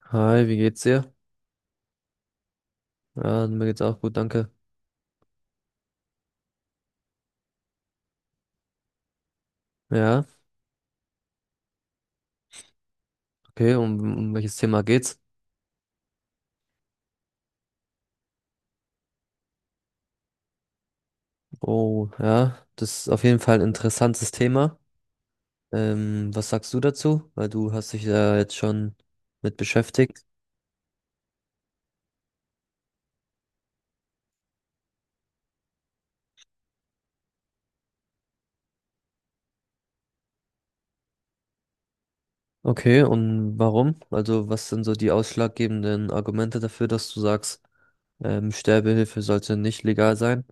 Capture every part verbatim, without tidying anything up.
Hi, wie geht's dir? Ja, mir geht's auch gut, danke. Ja, okay, um, um welches Thema geht's? Oh, ja, das ist auf jeden Fall ein interessantes Thema. Ähm, was sagst du dazu? Weil du hast dich da jetzt schon mit beschäftigt. Okay, und warum? Also, was sind so die ausschlaggebenden Argumente dafür, dass du sagst, ähm, Sterbehilfe sollte nicht legal sein?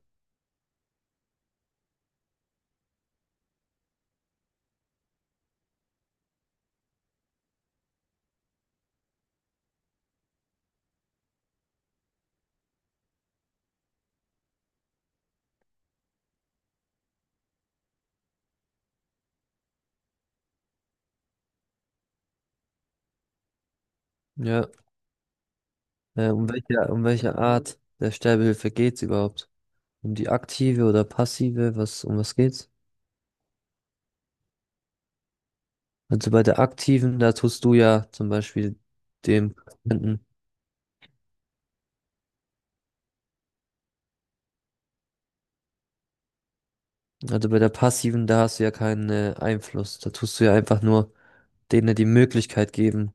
Ja, äh, um welche, um welche Art der Sterbehilfe geht's überhaupt? Um die aktive oder passive? Was, um was geht's? Also bei der aktiven, da tust du ja zum Beispiel dem Patienten, also bei der passiven, da hast du ja keinen äh, Einfluss. Da tust du ja einfach nur denen die Möglichkeit geben,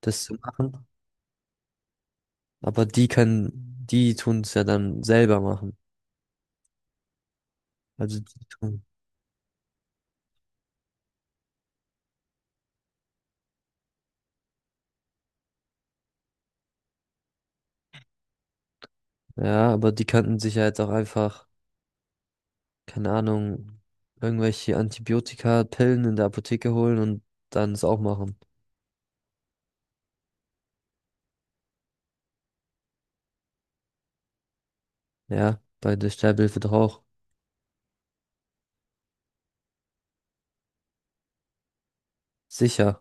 das zu machen. Aber die können, die tun es ja dann selber machen. Also die tun, ja, aber die könnten sich ja jetzt auch einfach, keine Ahnung, irgendwelche Antibiotika, Pillen in der Apotheke holen und dann es auch machen. Ja, bei der Sterbehilfe doch auch. Sicher.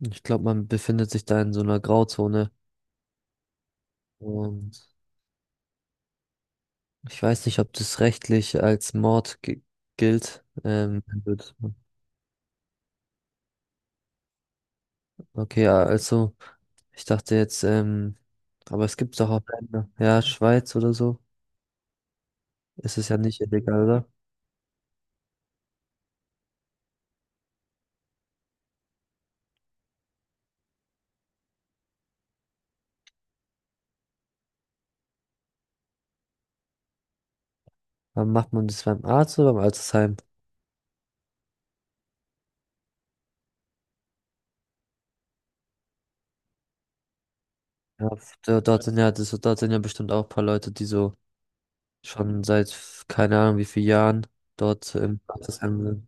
Ich glaube, man befindet sich da in so einer Grauzone. Und ich weiß nicht, ob das rechtlich als Mord gi- gilt. Ähm, wird- okay, ja, also ich dachte jetzt, ähm, aber es gibt doch auch Länder, ja, Schweiz oder so, ist es ja nicht illegal, oder? Aber macht man das beim Arzt oder beim Altersheim? Ja, da- dort sind ja, das, dort sind ja bestimmt auch ein paar Leute, die so schon seit f- keine Ahnung wie vielen Jahren dort im Altersheim sind.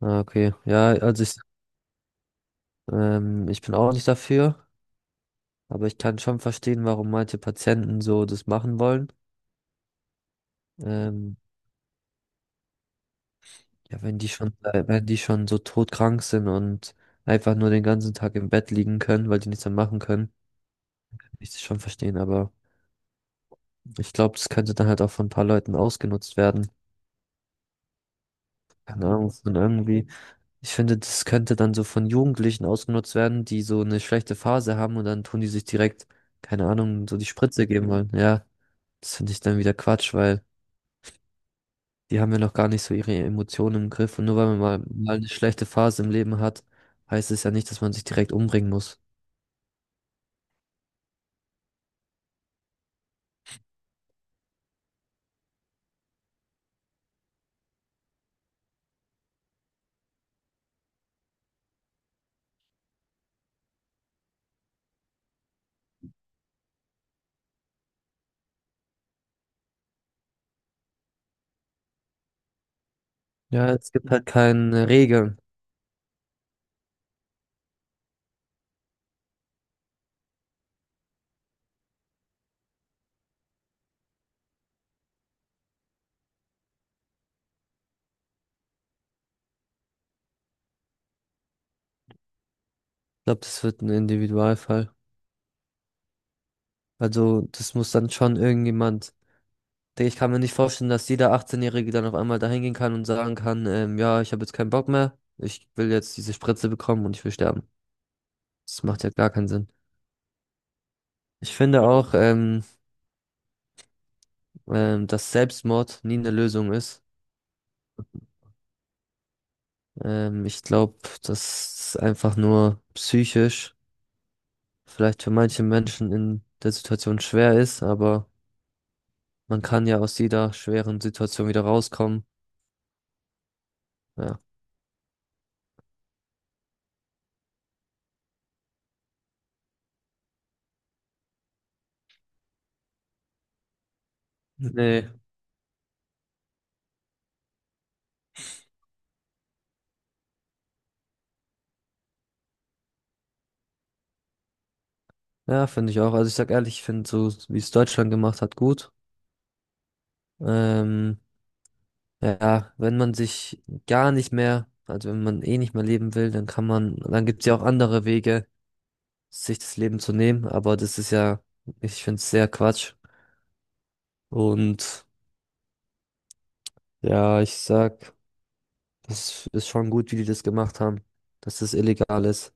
Ah, okay, ja, also ich, ähm, ich bin auch nicht dafür. Aber ich kann schon verstehen, warum manche Patienten so das machen wollen. Ähm, ja, wenn die schon, äh, wenn die schon so todkrank sind und einfach nur den ganzen Tag im Bett liegen können, weil die nichts mehr machen können, kann ich das schon verstehen. Aber ich glaube, das könnte dann halt auch von ein paar Leuten ausgenutzt werden. Keine Ahnung, und irgendwie, ich finde, das könnte dann so von Jugendlichen ausgenutzt werden, die so eine schlechte Phase haben und dann tun die sich direkt, keine Ahnung, so die Spritze geben wollen. Ja, das finde ich dann wieder Quatsch, weil die haben ja noch gar nicht so ihre Emotionen im Griff. Und nur weil man mal, mal eine schlechte Phase im Leben hat, heißt es ja nicht, dass man sich direkt umbringen muss. Ja, es gibt halt keine Regeln. Ich glaube, das wird ein Individualfall. Also, das muss dann schon irgendjemand. Digga, ich kann mir nicht vorstellen, dass jeder achtzehn-Jährige dann auf einmal dahin gehen kann und sagen kann, ähm, ja, ich habe jetzt keinen Bock mehr, ich will jetzt diese Spritze bekommen und ich will sterben. Das macht ja gar keinen Sinn. Ich finde auch, ähm, ähm, dass Selbstmord nie eine Lösung ist. Ähm, ich glaube, dass es einfach nur psychisch vielleicht für manche Menschen in der Situation schwer ist, aber man kann ja aus jeder schweren Situation wieder rauskommen. Ja. Nee. Ja, finde ich auch. Also ich sag ehrlich, ich finde so, wie es Deutschland gemacht hat, gut. Ähm, ja, wenn man sich gar nicht mehr, also wenn man eh nicht mehr leben will, dann kann man, dann gibt's ja auch andere Wege, sich das Leben zu nehmen, aber das ist ja, ich finde es sehr Quatsch. Und ja, ich sag. Das ist schon gut, wie die das gemacht haben, dass das illegal ist.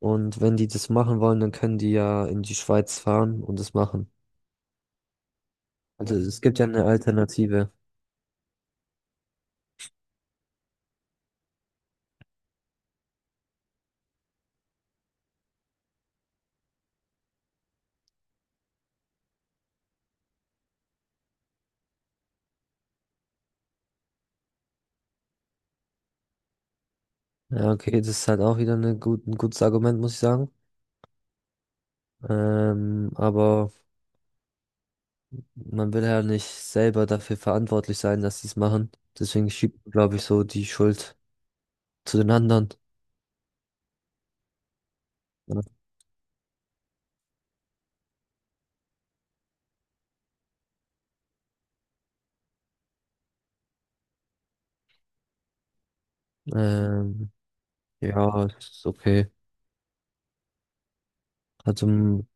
Und wenn die das machen wollen, dann können die ja in die Schweiz fahren und das machen. Also ja. Es gibt ja eine Alternative. Ja, okay, das ist halt auch wieder eine gut, ein gutes Argument, muss ich sagen. Ähm, aber man will ja nicht selber dafür verantwortlich sein, dass sie es machen. Deswegen schiebt man, glaube ich, so die Schuld zu den anderen. Ja. Ähm, ja, ist okay. Also, m-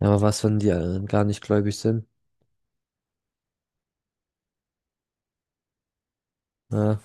ja, aber was, wenn die äh, gar nicht gläubig sind? Ja,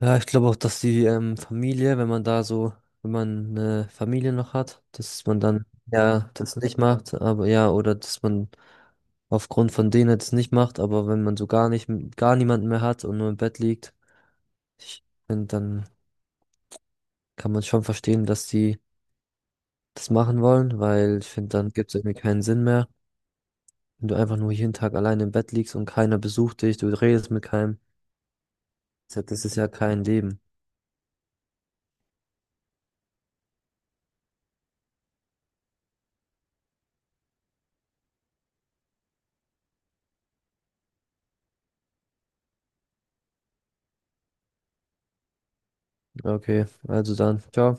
ja, ich glaube auch, dass die ähm, Familie, wenn man da so, wenn man eine Familie noch hat, dass man dann ja das nicht macht, aber ja, oder dass man aufgrund von denen das nicht macht, aber wenn man so gar nicht, gar niemanden mehr hat und nur im Bett liegt, ich finde, dann kann man schon verstehen, dass die das machen wollen, weil ich finde, dann gibt es irgendwie keinen Sinn mehr, wenn du einfach nur jeden Tag alleine im Bett liegst und keiner besucht dich, du redest mit keinem. Das ist ja kein Leben. Okay, also dann, ciao.